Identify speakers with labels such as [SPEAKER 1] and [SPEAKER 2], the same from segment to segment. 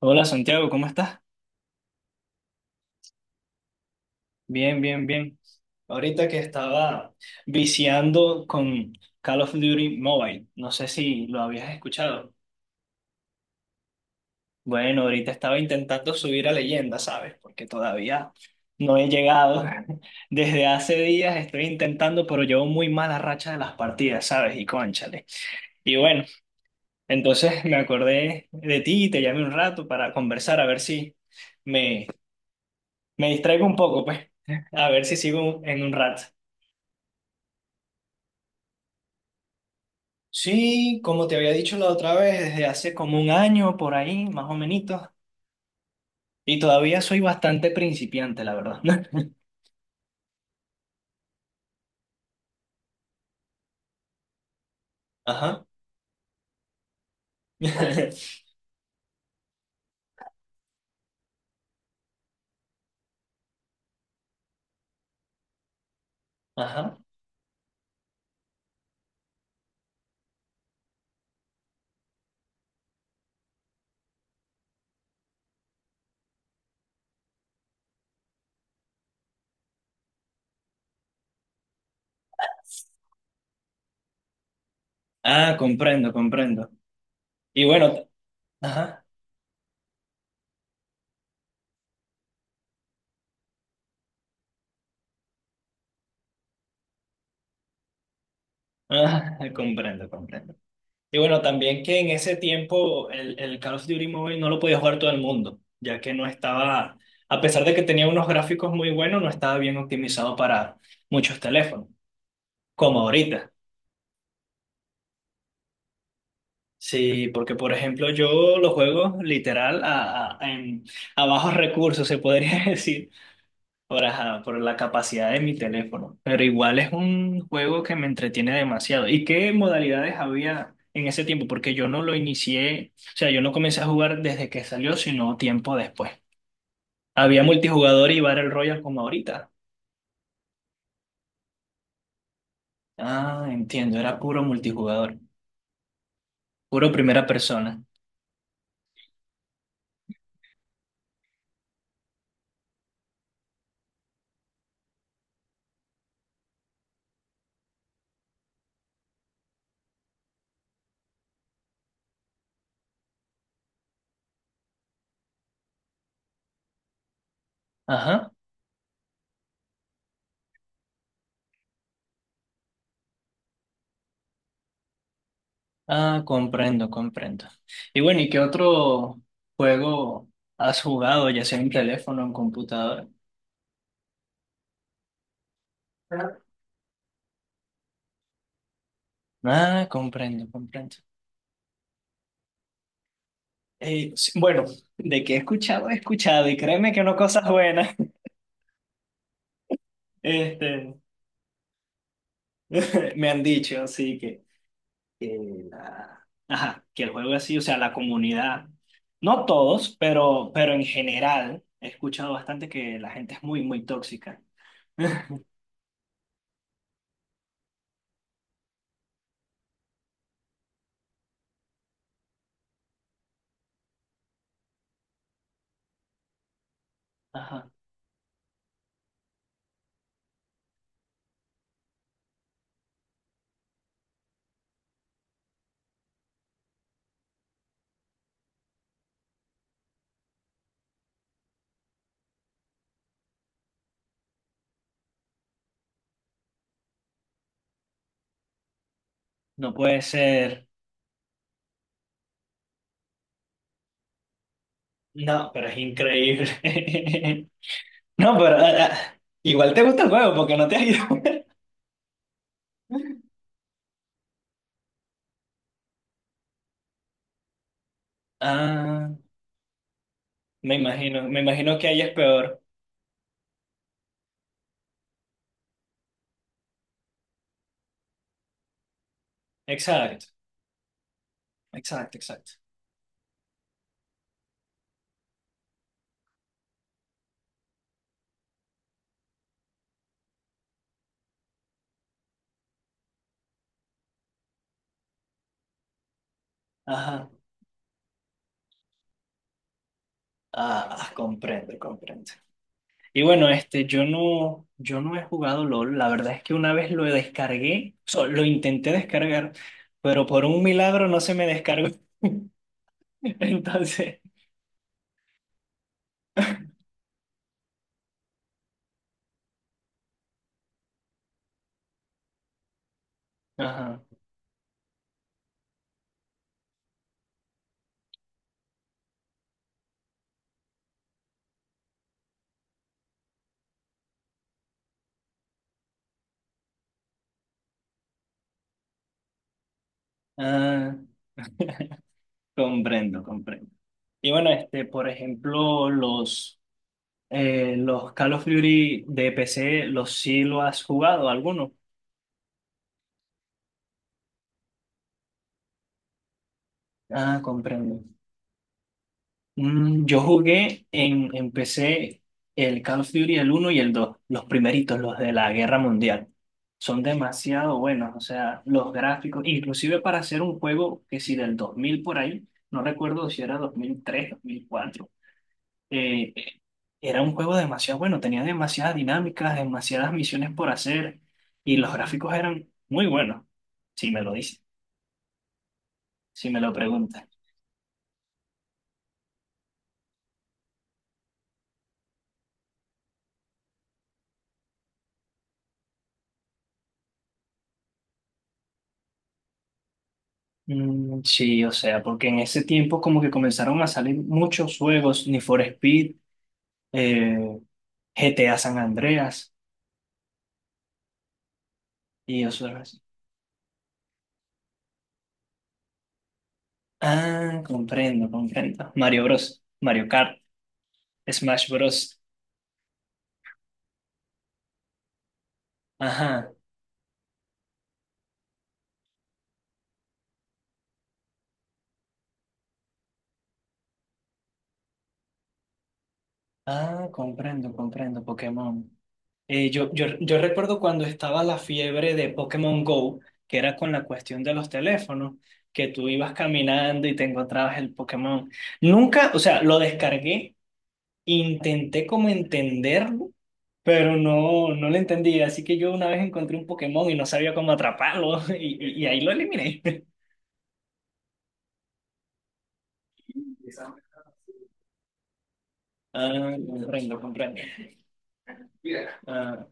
[SPEAKER 1] Hola Santiago, ¿cómo estás? Bien, bien, bien. Ahorita que estaba viciando con Call of Duty Mobile, no sé si lo habías escuchado. Bueno, ahorita estaba intentando subir a leyenda, ¿sabes? Porque todavía no he llegado. Desde hace días estoy intentando, pero llevo muy mala racha de las partidas, ¿sabes? Y cónchale. Y bueno, entonces me acordé de ti y te llamé un rato para conversar, a ver si me, me distraigo un poco, pues. A ver si sigo en un rato. Sí, como te había dicho la otra vez, desde hace como un año por ahí, más o menos, y todavía soy bastante principiante, la verdad. Ajá. Ajá. Ah, comprendo, comprendo. Y bueno, ajá. Ah, comprendo, comprendo. Y bueno, también que en ese tiempo el Call of Duty Mobile no lo podía jugar todo el mundo, ya que no estaba, a pesar de que tenía unos gráficos muy buenos, no estaba bien optimizado para muchos teléfonos, como ahorita. Sí, porque por ejemplo yo los juego literal a bajos recursos, se podría decir, ajá, por la capacidad de mi teléfono. Pero igual es un juego que me entretiene demasiado. ¿Y qué modalidades había en ese tiempo? Porque yo no lo inicié, o sea, yo no comencé a jugar desde que salió, sino tiempo después. Había multijugador y Battle Royale como ahorita. Ah, entiendo, era puro multijugador, puro primera persona. Ajá. Ah, comprendo, comprendo. Y bueno, ¿y qué otro juego has jugado, ya sea en teléfono o en computadora? Ah, comprendo, comprendo. Sí, bueno, de que he escuchado, y créeme que no cosas buenas, este, me han dicho, así que, ajá, que el juego así, o sea, la comunidad, no todos, pero en general, he escuchado bastante que la gente es muy, muy tóxica. Ajá, no puede ser. No, pero es increíble. No, pero igual te gusta el juego porque no te has ido. Ah, me imagino que ahí es peor. Exacto, exacto, exacto. Ajá. Comprendo, comprendo. Y bueno, yo no he jugado LOL. La verdad es que una vez lo descargué, o sea, lo intenté descargar, pero por un milagro no se me descargó. Entonces, ajá. Ah, comprendo, comprendo. Y bueno, por ejemplo, los Call of Duty de PC, ¿los sí lo has jugado alguno? Ah, comprendo. Mm, yo jugué en PC el Call of Duty, el uno y el 2 los primeritos, los de la Guerra Mundial. Son demasiado buenos, o sea, los gráficos, inclusive para hacer un juego que si del 2000 por ahí, no recuerdo si era dos mil tres dos mil cuatro eh, era un juego demasiado bueno, tenía demasiadas dinámicas, demasiadas misiones por hacer y los gráficos eran muy buenos, si me lo dicen, si me lo preguntan. Mm, sí, o sea, porque en ese tiempo como que comenzaron a salir muchos juegos, Need for Speed, eh, GTA San Andreas y otros. Ah, comprendo, comprendo. Mario Bros, Mario Kart, Smash Bros. Ajá. Ah, comprendo, comprendo, Pokémon. Yo recuerdo cuando estaba la fiebre de Pokémon Go, que era con la cuestión de los teléfonos, que tú ibas caminando y te encontrabas el Pokémon. Nunca, o sea, lo descargué, intenté como entenderlo, pero no, no lo entendí. Así que yo una vez encontré un Pokémon y no sabía cómo atraparlo y ahí lo eliminé. Ah, comprendo, comprendo. Ah,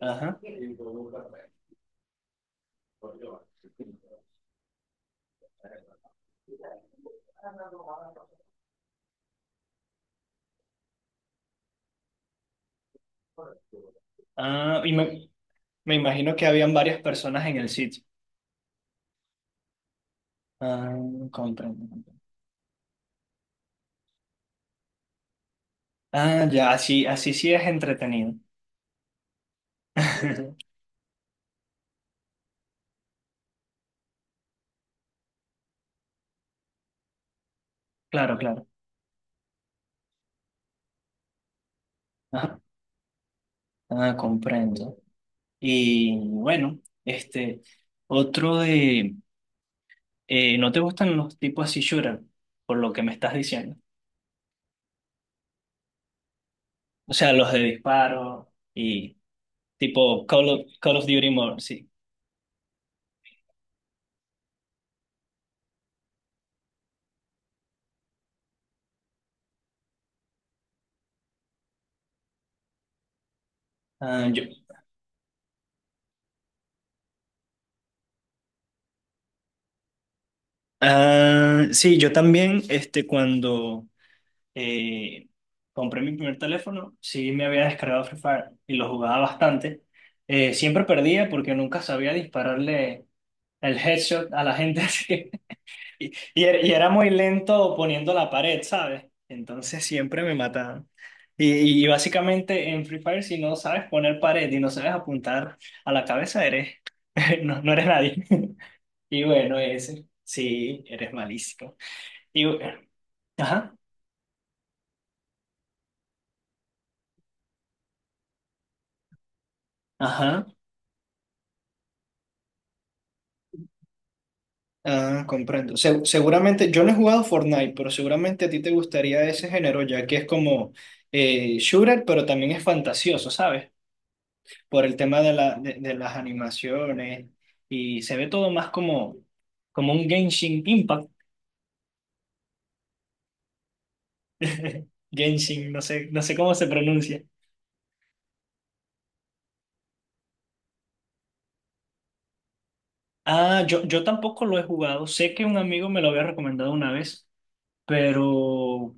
[SPEAKER 1] ajá. Ah, y me, me imagino que habían varias personas en el sitio. Ah, comprendo. Ah, ya, así, así sí es entretenido. Claro, claro. Ajá. Ah, comprendo. Y bueno, otro de, ¿no te gustan los tipos así shooter? Por lo que me estás diciendo. O sea, los de disparo y tipo Call of Duty Mobile, sí. Ah, yo. Ah, sí, yo también, cuando eh, compré mi primer teléfono, sí me había descargado Free Fire y lo jugaba bastante. Siempre perdía porque nunca sabía dispararle el headshot a la gente así. Y era muy lento poniendo la pared, ¿sabes? Entonces siempre me mataban. Y básicamente en Free Fire, si no sabes poner pared y no sabes apuntar a la cabeza, no, no eres nadie. Y bueno, ese, sí, eres malísimo. Y, bu- ajá, ajá. Ah, comprendo. Seguramente, yo no he jugado Fortnite, pero seguramente a ti te gustaría ese género, ya que es como shooter, pero también es fantasioso, ¿sabes? Por el tema de las animaciones y se ve todo más como, como un Genshin Impact. Genshin, no sé, no sé cómo se pronuncia. Ah, yo tampoco lo he jugado. Sé que un amigo me lo había recomendado una vez, pero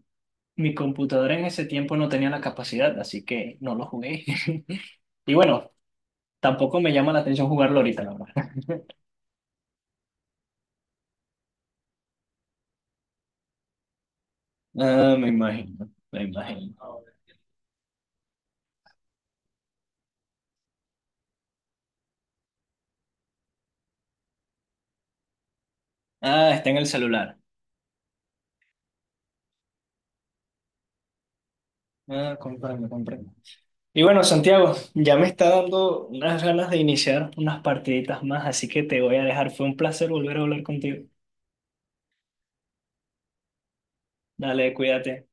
[SPEAKER 1] mi computadora en ese tiempo no tenía la capacidad, así que no lo jugué. Y bueno, tampoco me llama la atención jugarlo ahorita, la verdad. Ah, me imagino, me imagino. Ah, está en el celular. Ah, comprendo, comprendo. Y bueno, Santiago, ya me está dando unas ganas de iniciar unas partiditas más, así que te voy a dejar. Fue un placer volver a hablar contigo. Dale, cuídate.